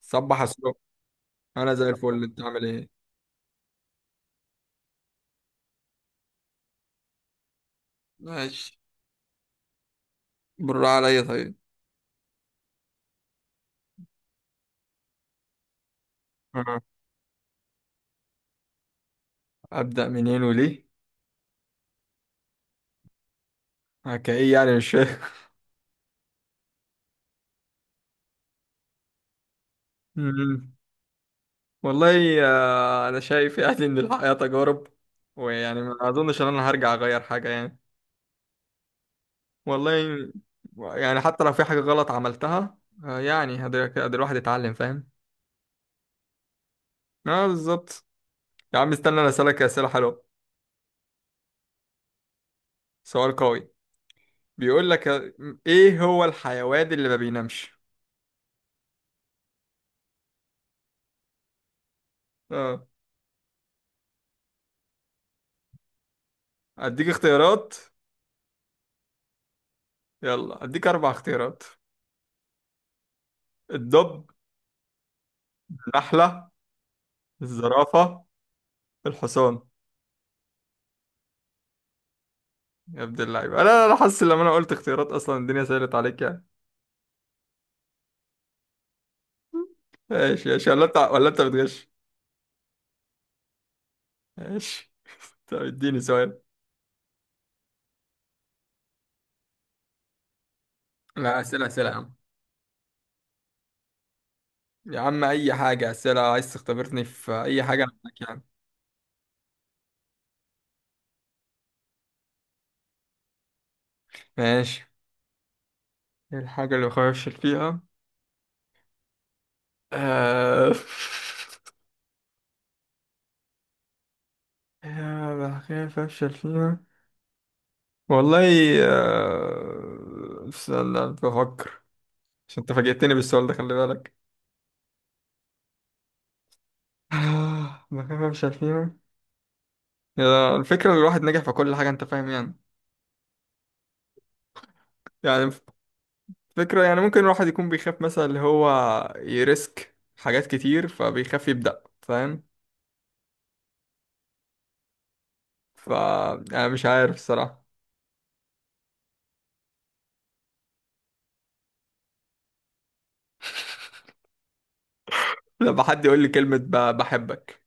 صبح الصبح. انا زي الفل، انت عامل ايه؟ ماشي. بالراحة عليا، طيب. آه. ابدا منين وليه؟ كايه يعني، مش فاهم. مم. والله، انا شايف يعني ان الحياه تجارب، ويعني ما اظنش ان انا هرجع اغير حاجه يعني. والله، يعني حتى لو في حاجه غلط عملتها، يعني هقدر الواحد يتعلم، فاهم. اه بالظبط. يا عم استنى، انا اسالك اسئله حلوه. سؤال قوي. بيقول لك ايه هو الحيوان اللي ما بينامش. اه، اديك اختيارات. يلا اديك اربع اختيارات. الدب، النحلة، الزرافة، الحصان. يا ابن اللعيبة، انا حاسس لما انا قلت اختيارات اصلا الدنيا سهلت عليك يعني. ماشي ماشي، ولا انت بتغش؟ ماشي. طب اديني سؤال. لا اسئلة اسئلة يا عم. يا عم اي حاجة، اسئلة عايز تختبرني في اي حاجة، انا معاك يا عم. ماشي. ايه الحاجة اللي بخاف افشل فيها؟ آه... بخاف افشل فيها. والله، استنى بفكر، عشان انت فاجئتني بالسؤال ده، خلي بالك. ما كان مش عارفين، يا الفكرة الواحد نجح في كل حاجة، انت فاهم يعني. يعني فكرة يعني ممكن الواحد يكون بيخاف مثلا اللي هو يريسك حاجات كتير فبيخاف يبدأ، فاهم. ف انا مش عارف الصراحة. لما حد يقول لي كلمة بحبك،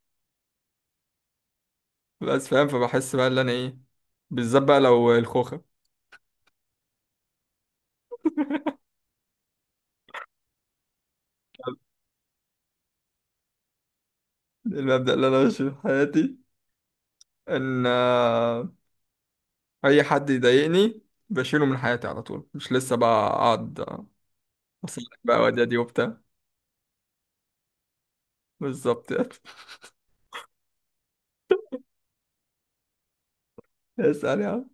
بس فاهم، فبحس بقى اللي انا ايه، بالذات بقى لو الخوخة. المبدأ اللي انا ماشي في حياتي ان اي حد يضايقني بشيله من حياتي على طول، مش لسه بقى اقعد سألك بقى ودادي وبتاع. بالظبط يعني. اسأل يا عم.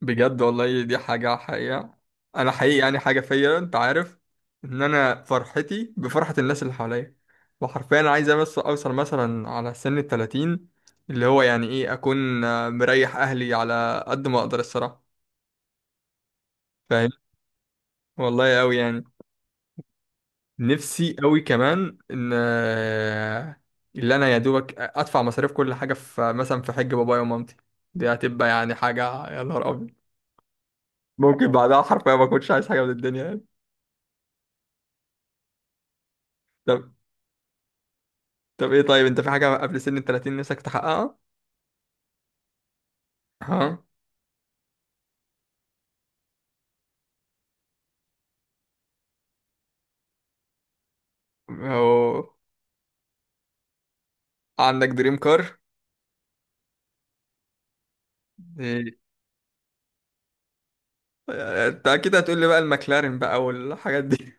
بجد والله دي حاجة حقيقة. أنا حقيقي يعني حاجة فيا، أنت عارف، إن أنا فرحتي بفرحة الناس اللي حواليا. وحرفيا أنا عايز بس أوصل مثلا على سن التلاتين، اللي هو يعني إيه أكون مريح أهلي على قد ما أقدر الصراحة. فاهم. والله أوي يعني. نفسي أوي كمان إن اللي أنا يا دوبك أدفع مصاريف كل حاجة في مثلا في حج بابايا ومامتي. دي هتبقى يعني حاجة يا نهار أبيض. ممكن بعدها حرفيا ما كنتش عايز حاجه من الدنيا يعني. طب طب ايه، طيب انت في حاجه قبل سن ال 30 نفسك تحققها؟ ها. هو عندك دريم كار؟ ايه؟ انت اكيد هتقول لي بقى المكلارين بقى والحاجات دي.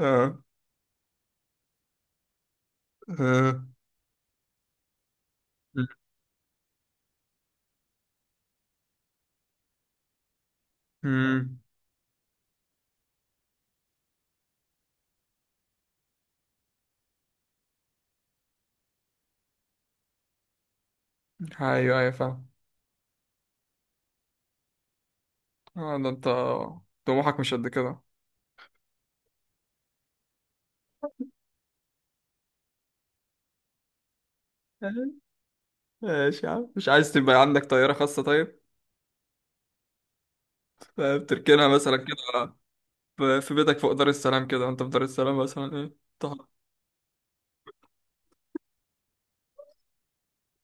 اه اه. امم. ايوه ايوه، فاهم. اه ده انت طموحك مش قد كده. ماشي يا عم، مش عايز تبقى عندك طياره خاصه طيب؟ بتركنها مثلا كده، في بيتك فوق دار السلام كده، انت في دار السلام مثلا ايه؟ تح-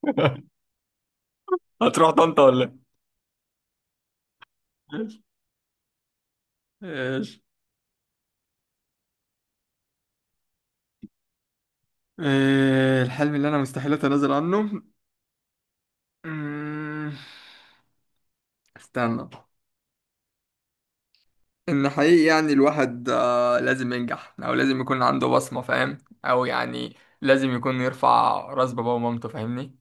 هتروح طنطا ولا؟ إيه؟ إيش؟ إيه الحلم اللي انا مستحيل اتنازل عنه؟ أمم، استنى، ان حقيقي يعني الواحد لازم ينجح او لازم يكون عنده بصمة، فاهم. او يعني لازم يكون يرفع راس باباه ومامته، فاهمني.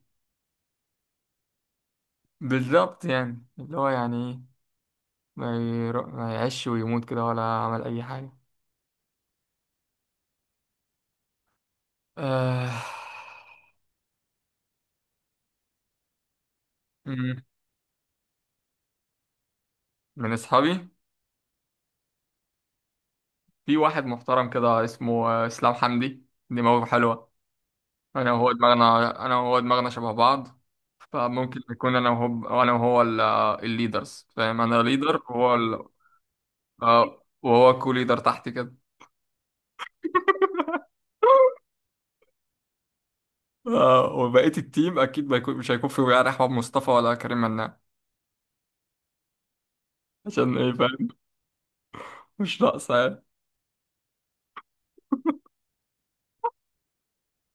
بالظبط يعني اللي هو يعني إيه، ما, ما يعيش ويموت كده ولا عمل اي حاجة. آه... أمم، من اصحابي في واحد محترم كده اسمه اسلام حمدي، دماغه حلوة. انا وهو دماغنا شبه بعض، فممكن نكون انا وهو الليدرز، فاهم. انا ليدر وهو وهو كو ليدر تحت كده. وبقية التيم اكيد ما يكون مش هيكون في وعاء احمد مصطفى ولا كريم مناع. عشان ايه، فاهم. مش ناقصه يعني.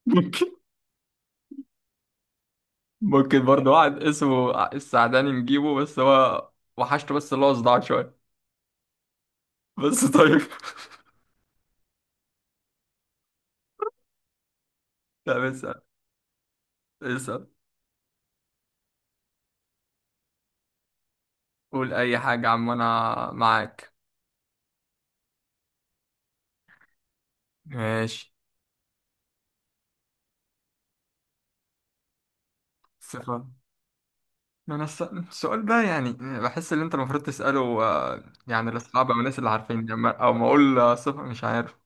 ممكن ممكن برضه واحد اسمه السعداني نجيبه، بس هو وحشته، بس اللي هو صداع شويه. بس طيب. لا بس. اسال. قول اي حاجه يا عم، انا معاك. ماشي. صفة، ما انا السؤال ده يعني بحس ان انت المفروض تسأله يعني لاصحاب او الناس اللي عارفين يعني، او ما اقول صفة، مش عارف.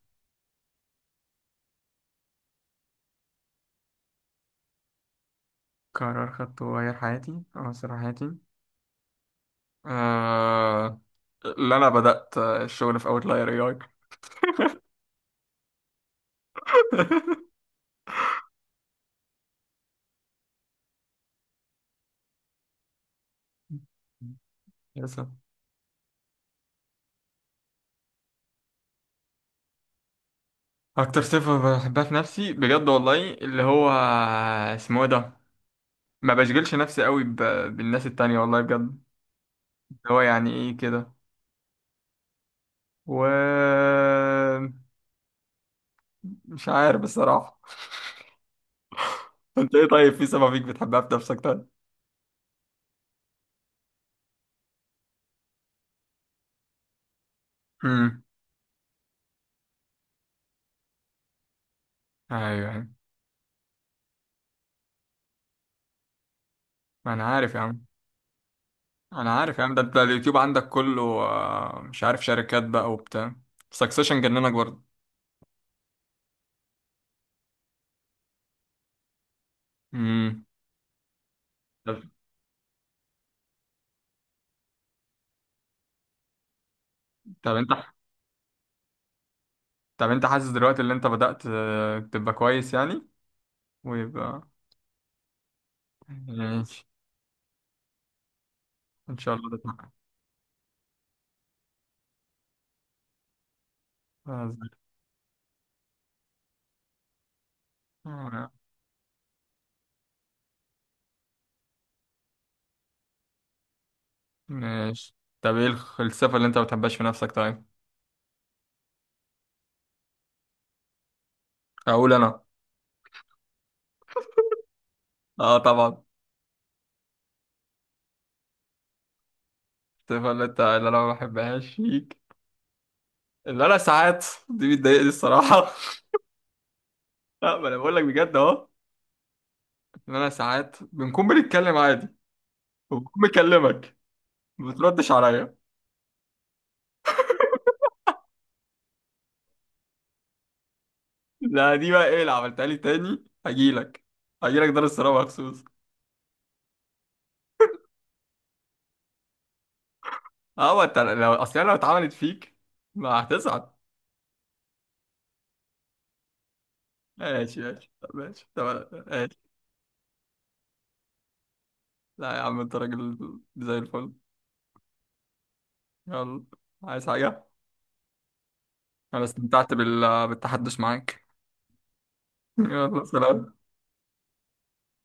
قرار خدته غير حياتي او سر حياتي. آه... اللي انا بدأت الشغل في اوتلاير اي اي. للأسف. اكتر صفة بحبها في نفسي، بجد والله، اللي هو اسمه إيه ده، ما بشغلش نفسي قوي بالناس التانية، والله بجد. اللي هو يعني ايه كده. و مش عارف بصراحة. انت ايه طيب، في سبب فيك بتحبها في نفسك طيب؟ امم. ايوه ايوه. ما انا عارف يا عم. انا عارف يا عم، ده انت اليوتيوب عندك كله مش عارف شركات بقى وبتاع، سكسيشن جننك برضه. امم. طب طب انت طب انت حاسس دلوقتي ان انت بدأت تبقى كويس يعني، ويبقى. ماشي. ان شاء الله تتحقق. آه، آه، ماشي. طب ايه الصفة اللي انت ما بتحبهاش في نفسك طيب؟ اقول انا. اه طبعا. الصفة اللي انا ما بحبهاش فيك، اللي انا ساعات دي بتضايقني الصراحه. لا، ما انا بقول لك بجد اهو. ان انا ساعات بنكون بنتكلم عادي وبكون مكلمك، ما بتردش عليا. لا دي بقى ايه اللي عملتها لي؟ تاني هجيلك. هجيلك دار السلام مخصوص. اه، ما انت لو اصل أنا لو اتعملت فيك ما هتزعل. ماشي ماشي، طب ماشي، طب ماشي. لا يا عم، انت راجل زي الفل. يلا. عايز حاجه؟ انا استمتعت بالتحدث معاك. يلا، سلام.